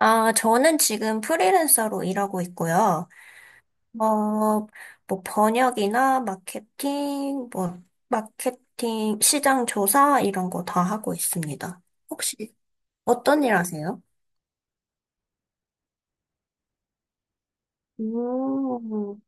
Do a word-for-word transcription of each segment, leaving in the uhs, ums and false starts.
아, 저는 지금 프리랜서로 일하고 있고요. 어, 뭐 번역이나 마케팅, 뭐 마케팅, 시장 조사 이런 거 다 하고 있습니다. 혹시 어떤 일 하세요? 음.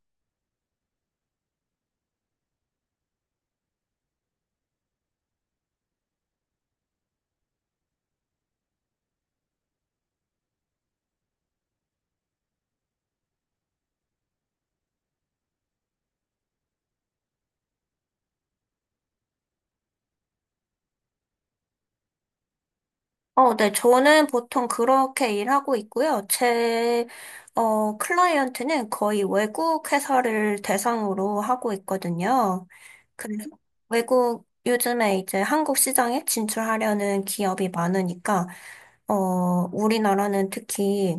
어, 네, 저는 보통 그렇게 일하고 있고요. 제, 어, 클라이언트는 거의 외국 회사를 대상으로 하고 있거든요. 그래서 외국, 요즘에 이제 한국 시장에 진출하려는 기업이 많으니까, 어, 우리나라는 특히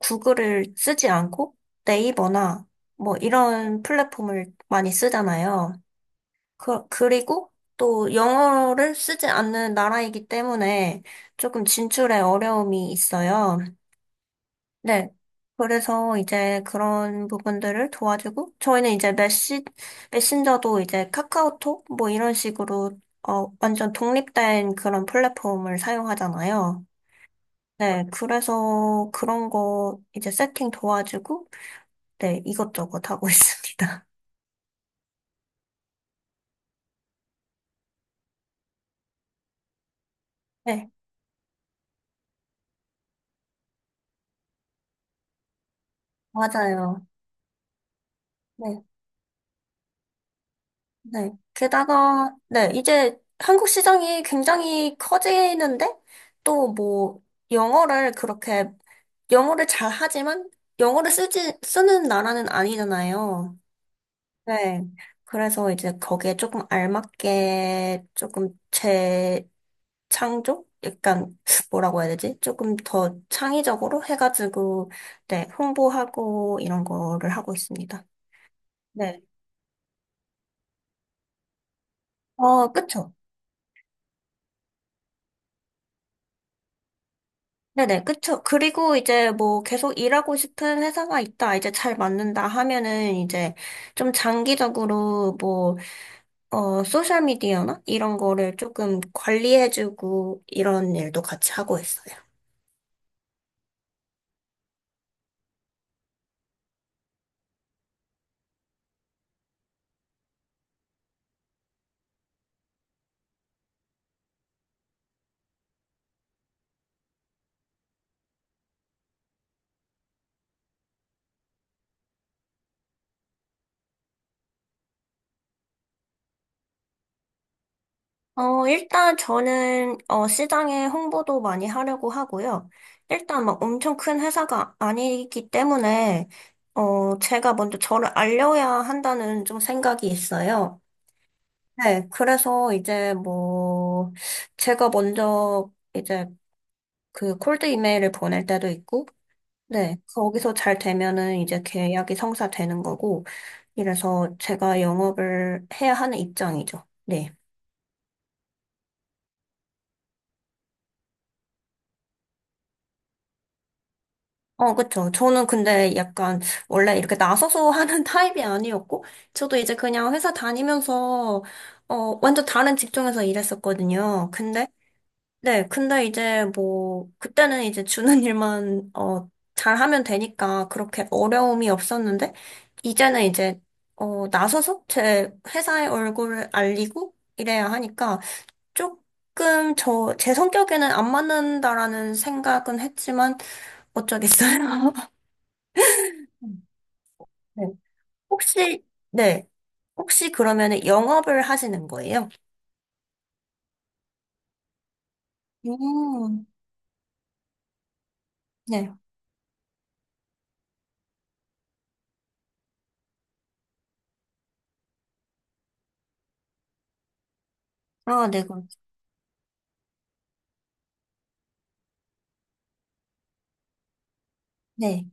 구글을 쓰지 않고 네이버나 뭐 이런 플랫폼을 많이 쓰잖아요. 그, 그리고 또 영어를 쓰지 않는 나라이기 때문에 조금 진출에 어려움이 있어요. 네. 그래서 이제 그런 부분들을 도와주고, 저희는 이제 메시, 메신저도 이제 카카오톡 뭐 이런 식으로 어, 완전 독립된 그런 플랫폼을 사용하잖아요. 네. 그래서 그런 거 이제 세팅 도와주고, 네. 이것저것 하고 있습니다. 네. 맞아요. 네 네. 게다가, 네, 이제 한국 시장이 굉장히 커지는데, 또 뭐, 영어를 그렇게, 영어를 잘하지만, 영어를 쓰지, 쓰는 나라는 아니잖아요. 네. 그래서 이제 거기에 조금 알맞게, 조금 재창조? 약간, 뭐라고 해야 되지? 조금 더 창의적으로 해가지고, 네, 홍보하고, 이런 거를 하고 있습니다. 네. 어, 그쵸. 네네, 그쵸. 그리고 이제 뭐 계속 일하고 싶은 회사가 있다, 이제 잘 맞는다 하면은 이제 좀 장기적으로 뭐, 어, 소셜미디어나 이런 거를 조금 관리해주고 이런 일도 같이 하고 있어요. 어, 일단 저는, 어, 시장에 홍보도 많이 하려고 하고요. 일단 막 엄청 큰 회사가 아니기 때문에, 어, 제가 먼저 저를 알려야 한다는 좀 생각이 있어요. 네, 그래서 이제 뭐, 제가 먼저 이제 그 콜드 이메일을 보낼 때도 있고, 네, 거기서 잘 되면은 이제 계약이 성사되는 거고, 이래서 제가 영업을 해야 하는 입장이죠. 네. 어, 그쵸. 저는 근데 약간 원래 이렇게 나서서 하는 타입이 아니었고, 저도 이제 그냥 회사 다니면서, 어, 완전 다른 직종에서 일했었거든요. 근데 네, 근데 이제 뭐, 그때는 이제 주는 일만, 어, 잘하면 되니까 그렇게 어려움이 없었는데, 이제는 이제, 어, 나서서 제 회사의 얼굴을 알리고 이래야 하니까, 조금 저, 제 성격에는 안 맞는다라는 생각은 했지만, 어쩌겠어요. 네. 혹시, 네. 혹시 그러면 영업을 하시는 거예요? 음, 네. 아, 네, 그럼. 네.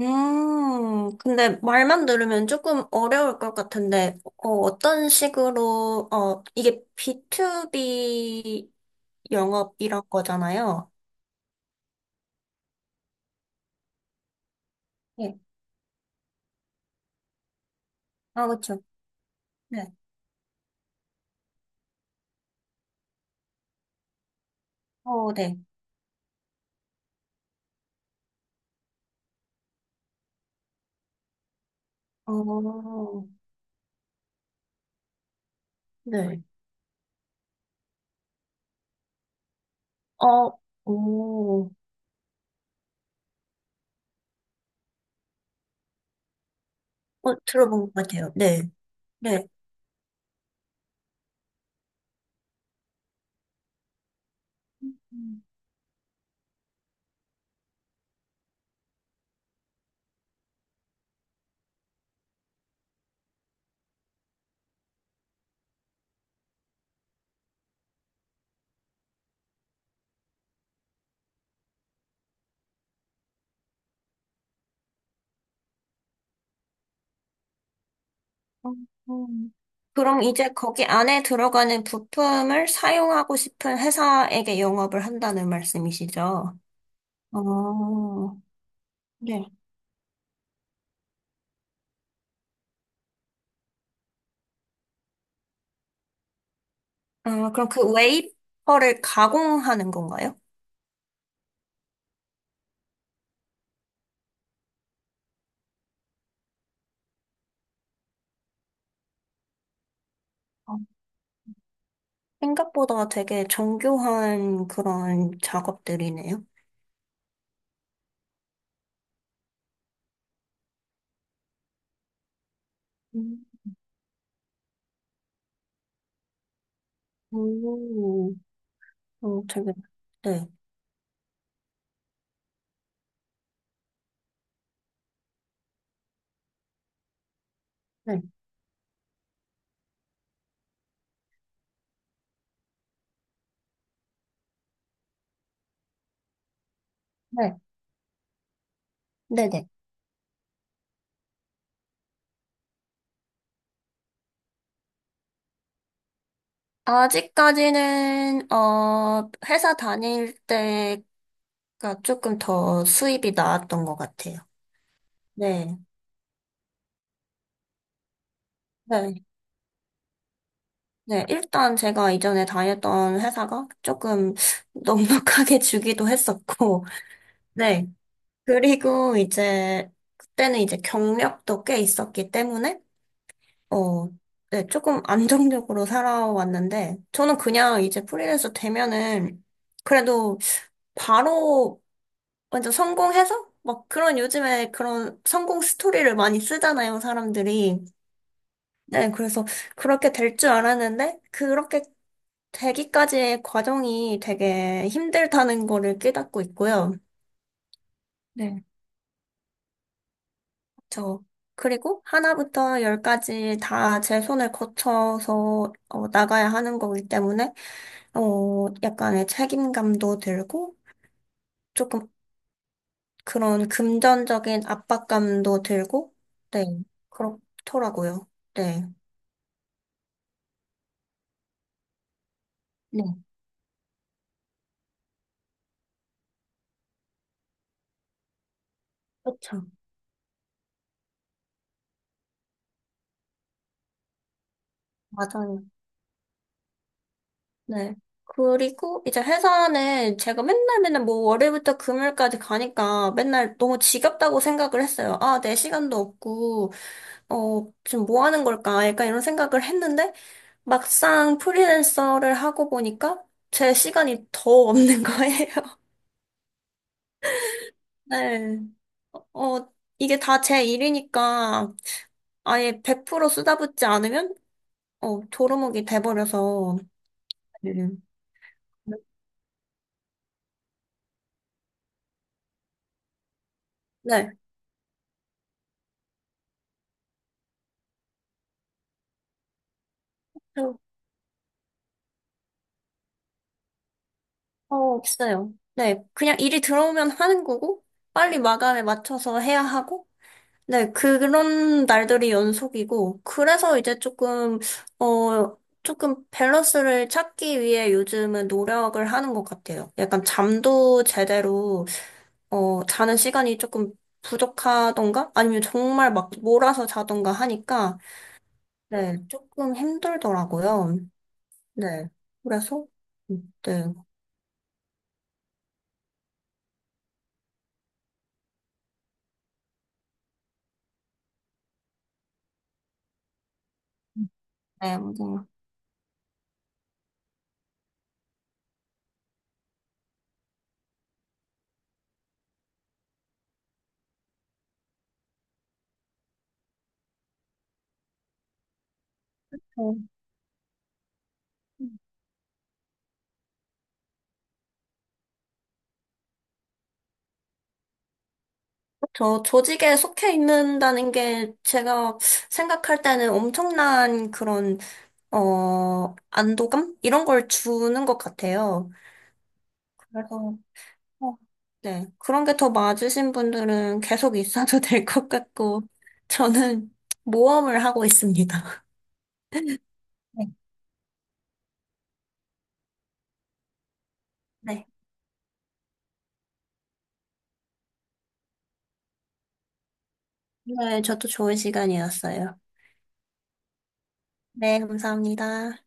음, 근데 말만 들으면 조금 어려울 것 같은데, 어, 어떤 식으로, 어, 이게 비투비 영업이란 거잖아요. 네. 아, 그쵸. 네. 어, 네. 어, 네. 어, 오, 어, 들어본 것 같아요. 네. 네. 음, 어, 음. 그럼 이제 거기 안에 들어가는 부품을 사용하고 싶은 회사에게 영업을 한다는 말씀이시죠? 어. 네. 아, 그럼 그 웨이퍼를 가공하는 건가요? 어. 생각보다 되게 정교한 그런 작업들이네요. 음. 오, 어, 되게, 네. 네. 네. 네네. 아직까지는, 어, 회사 다닐 때가 조금 더 수입이 나았던 것 같아요. 네. 네. 네. 일단 제가 이전에 다녔던 회사가 조금 넉넉하게 주기도 했었고, 네. 그리고 이제 그때는 이제 경력도 꽤 있었기 때문에 어, 네, 조금 안정적으로 살아왔는데 저는 그냥 이제 프리랜서 되면은 그래도 바로 완전 성공해서 막 그런 요즘에 그런 성공 스토리를 많이 쓰잖아요, 사람들이. 네, 그래서 그렇게 될 줄 알았는데 그렇게 되기까지의 과정이 되게 힘들다는 거를 깨닫고 있고요. 네. 저 그리고 하나부터 열까지 다 제 손을 거쳐서 어, 나가야 하는 거기 때문에 어, 약간의 책임감도 들고 조금 그런 금전적인 압박감도 들고 네, 그렇더라고요. 네. 네, 그렇죠. 맞아요. 네. 그리고 이제 회사는 제가 맨날 맨날 뭐 월요일부터 금요일까지 가니까 맨날 너무 지겹다고 생각을 했어요. 아, 내 시간도 없고 어, 지금 뭐 하는 걸까? 약간 이런 생각을 했는데, 막상 프리랜서를 하고 보니까 제 시간이 더 없는 거예요. 네. 어, 이게 다 제 일이니까 아예 백 퍼센트 쓰다붙지 않으면, 어, 도루묵이 돼버려서. 네. 네. 어, 없어요. 네. 그냥 일이 들어오면 하는 거고, 빨리 마감에 맞춰서 해야 하고, 네, 그런 날들이 연속이고, 그래서 이제 조금, 어, 조금 밸런스를 찾기 위해 요즘은 노력을 하는 것 같아요. 약간 잠도 제대로, 어, 자는 시간이 조금 부족하던가? 아니면 정말 막 몰아서 자던가 하니까, 네, 조금 힘들더라고요. 네, 그래서, 음, 네, 네, 뭐, 어, 저 조직에 속해 있는다는 게 제가 생각할 때는 엄청난 그런 어, 안도감? 이런 걸 주는 것 같아요. 그래서, 어, 네. 그런 게 더 맞으신 분들은 계속 있어도 될 것 같고, 저는 모험을 하고 있습니다. 네. 네. 오늘 저도 좋은 시간이었어요. 네, 감사합니다.